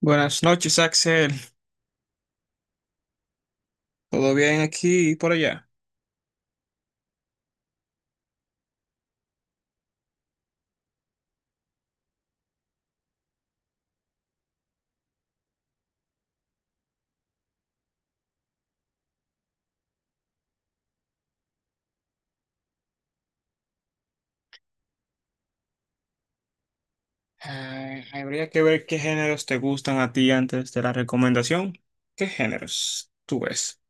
Buenas noches, Axel. ¿Todo bien aquí y por allá? Habría que ver qué géneros te gustan a ti antes de la recomendación. ¿Qué géneros tú ves?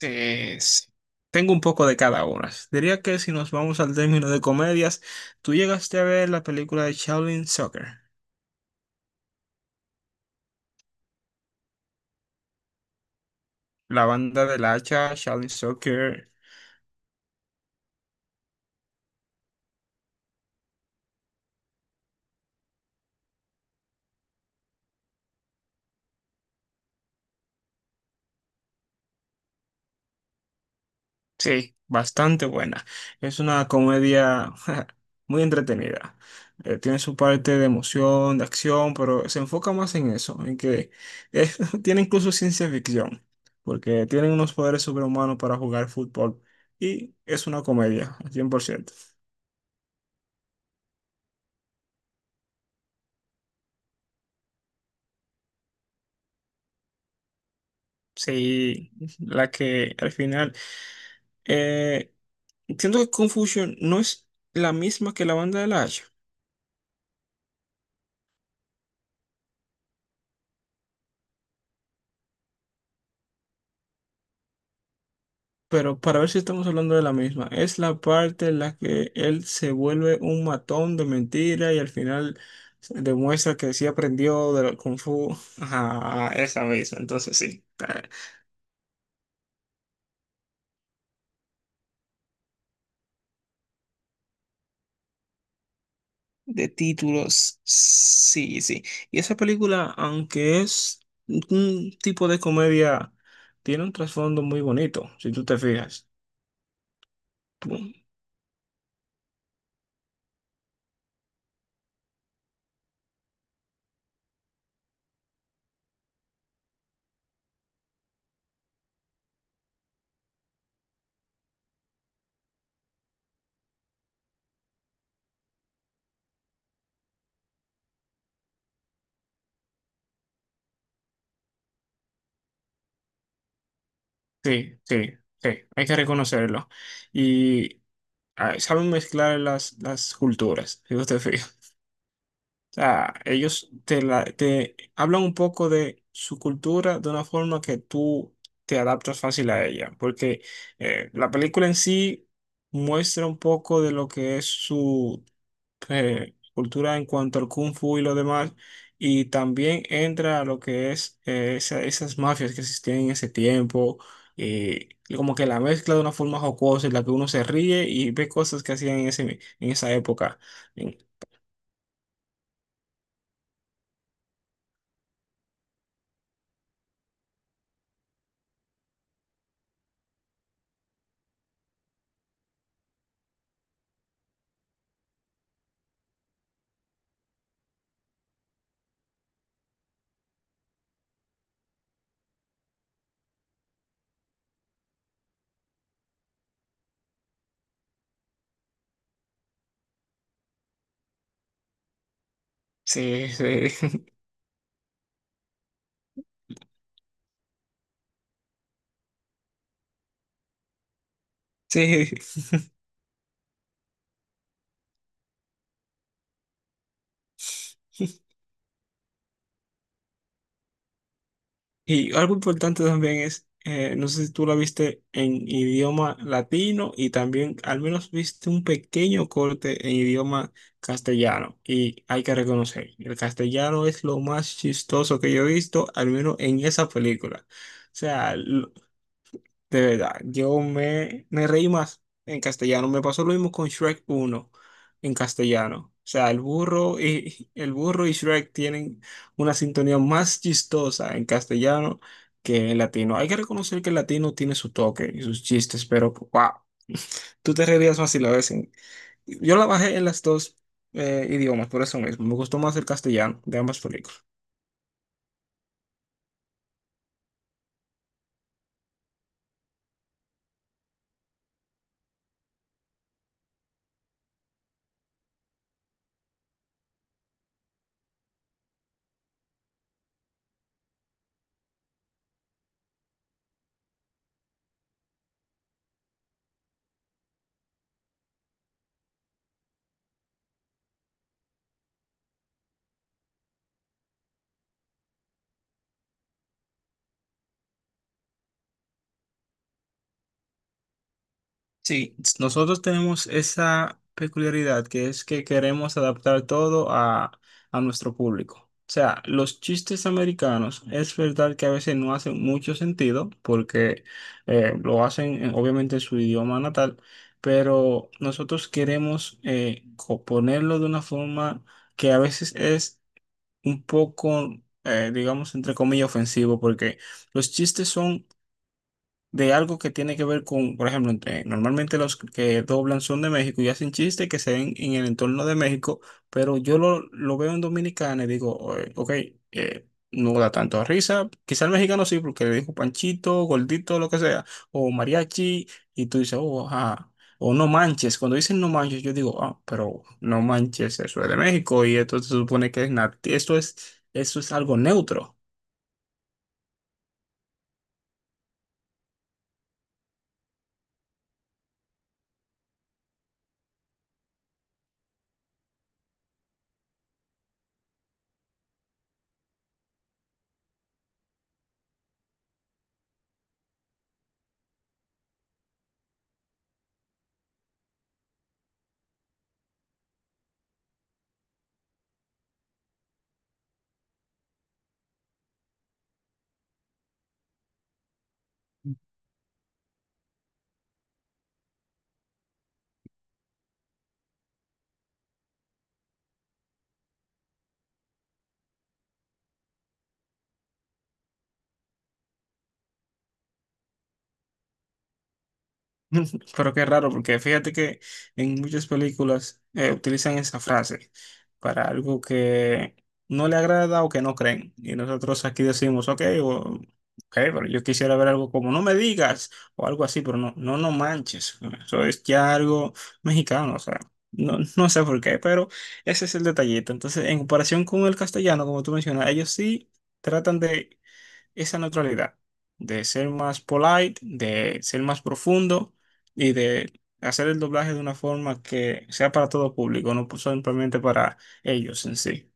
Sí. Tengo un poco de cada una. Diría que si nos vamos al término de comedias, tú llegaste a ver la película de Shaolin Soccer, la banda del hacha Shaolin Soccer. Sí, bastante buena. Es una comedia muy entretenida. Tiene su parte de emoción, de acción, pero se enfoca más en eso, en que eh, tiene incluso ciencia ficción, porque tienen unos poderes sobrehumanos para jugar fútbol y es una comedia, al 100%. Sí, la que al final... eh, entiendo que Confusion no es la misma que la banda de la. Pero para ver si estamos hablando de la misma, es la parte en la que él se vuelve un matón de mentira y al final se demuestra que sí aprendió de lo Kung Fu. Ajá, esa misma, entonces sí. De títulos, sí, sí. Y esa película, aunque es un tipo de comedia, tiene un trasfondo muy bonito, si tú te fijas. Tú- sí, sí, sí, hay que reconocerlo. Y saben mezclar las culturas, si tú te fijas. Sea, ellos te, la- te hablan un poco de su cultura de una forma que tú te adaptas fácil a ella, porque la película en sí muestra un poco de lo que es su cultura en cuanto al kung fu y lo demás, y también entra a lo que es esa- esas mafias que existían en ese tiempo. eh, como que la mezcla de una forma jocosa en la que uno se ríe y ve cosas que hacían en ese, en esa época. Sí, sí. Sí, y algo importante también es, no sé si tú la viste en idioma latino y también al menos viste un pequeño corte en idioma castellano. Y hay que reconocer, el castellano es lo más chistoso que yo he visto, al menos en esa película. O sea, de verdad, yo me reí más en castellano. Me pasó lo mismo con Shrek uno en castellano. O sea, el burro y el burro y Shrek tienen una sintonía más chistosa en castellano que en latino. Hay que reconocer que el latino tiene su toque y sus chistes, pero wow, tú te reirías más si la ves en- yo la bajé en las dos idiomas, por eso mismo. Me gustó más el castellano de ambas películas. Sí, nosotros tenemos esa peculiaridad que es que queremos adaptar todo a nuestro público. O sea, los chistes americanos es verdad que a veces no hacen mucho sentido porque lo hacen en- obviamente en su idioma natal, pero nosotros queremos co- ponerlo de una forma que a veces es un poco, digamos, entre comillas, ofensivo porque los chistes son de algo que tiene que ver con, por ejemplo, entre, normalmente los que doblan son de México y hacen chistes que se ven en el entorno de México, pero yo lo veo en Dominicana y digo, "Oye, ok, no da tanto risa. Quizá el mexicano sí, porque le dijo Panchito, Gordito, lo que sea, o Mariachi, y tú dices, oh, ajá. O no manches, cuando dicen no manches, yo digo, ah, pero no manches, eso es de México y esto se supone que es nati- esto es, eso es algo neutro". Pero qué raro, porque fíjate que en muchas películas utilizan esa frase para algo que no le agrada o que no creen. Y nosotros aquí decimos, ok, o- ok, pero yo quisiera ver algo como no me digas o algo así, pero no, no, no manches. Eso es ya algo mexicano, o sea, no, no sé por qué, pero ese es el detallito. Entonces, en comparación con el castellano, como tú mencionas, ellos sí tratan de esa neutralidad, de ser más polite, de ser más profundo y de hacer el doblaje de una forma que sea para todo público, no simplemente para ellos en sí.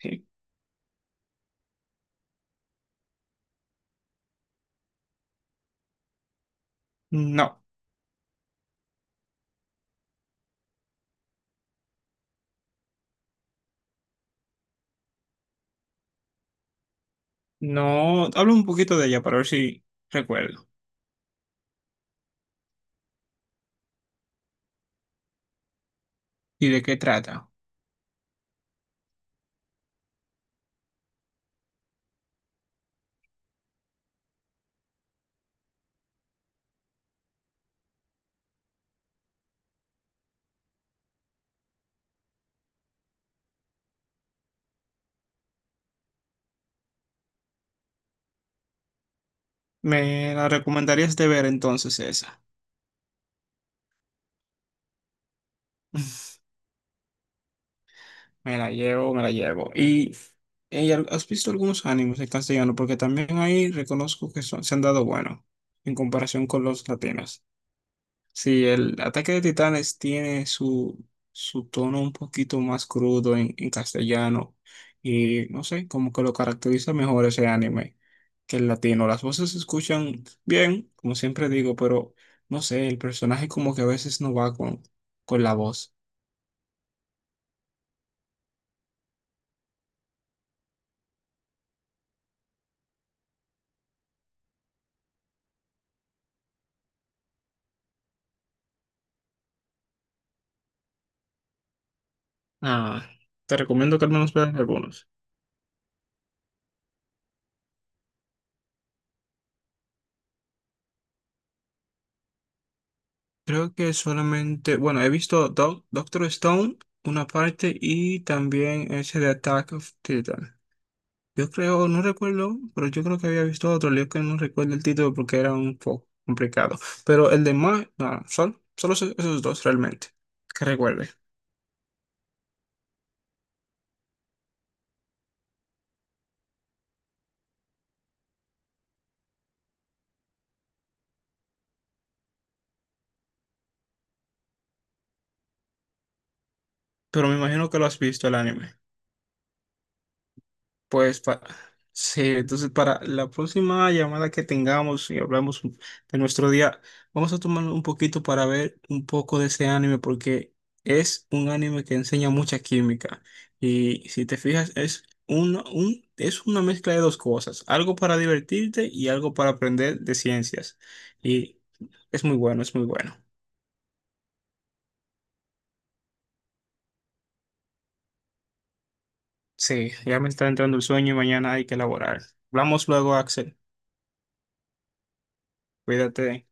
Sí. No, no, hablo un poquito de ella para ver si recuerdo y de qué trata. ¿Me la recomendarías de ver entonces esa? Me la llevo, me la llevo. Y al- ¿has visto algunos animes en castellano? Porque también ahí reconozco que son- se han dado bueno en comparación con los latinos. Sí, el Ataque de Titanes tiene su, su tono un poquito más crudo en castellano y no sé, como que lo caracteriza mejor ese anime que el latino. Las voces se escuchan bien, como siempre digo, pero no sé, el personaje como que a veces no va con la voz. Ah, te recomiendo que al menos veas algunos. Creo que solamente, bueno, he visto Doc- Doctor Stone, una parte y también ese de Attack of Titan. Yo creo, no recuerdo, pero yo creo que había visto otro lío que no recuerdo el título porque era un poco complicado. Pero el de más, solo, solo esos dos realmente, que recuerde. Pero me imagino que lo has visto el anime. Pues pa- sí, entonces para la próxima llamada que tengamos y hablamos un- de nuestro día, vamos a tomar un poquito para ver un poco de ese anime porque es un anime que enseña mucha química y si te fijas es una, un, es una mezcla de dos cosas, algo para divertirte y algo para aprender de ciencias y es muy bueno, es muy bueno. Sí, ya me está entrando el sueño y mañana hay que elaborar. Hablamos luego, Axel. Cuídate.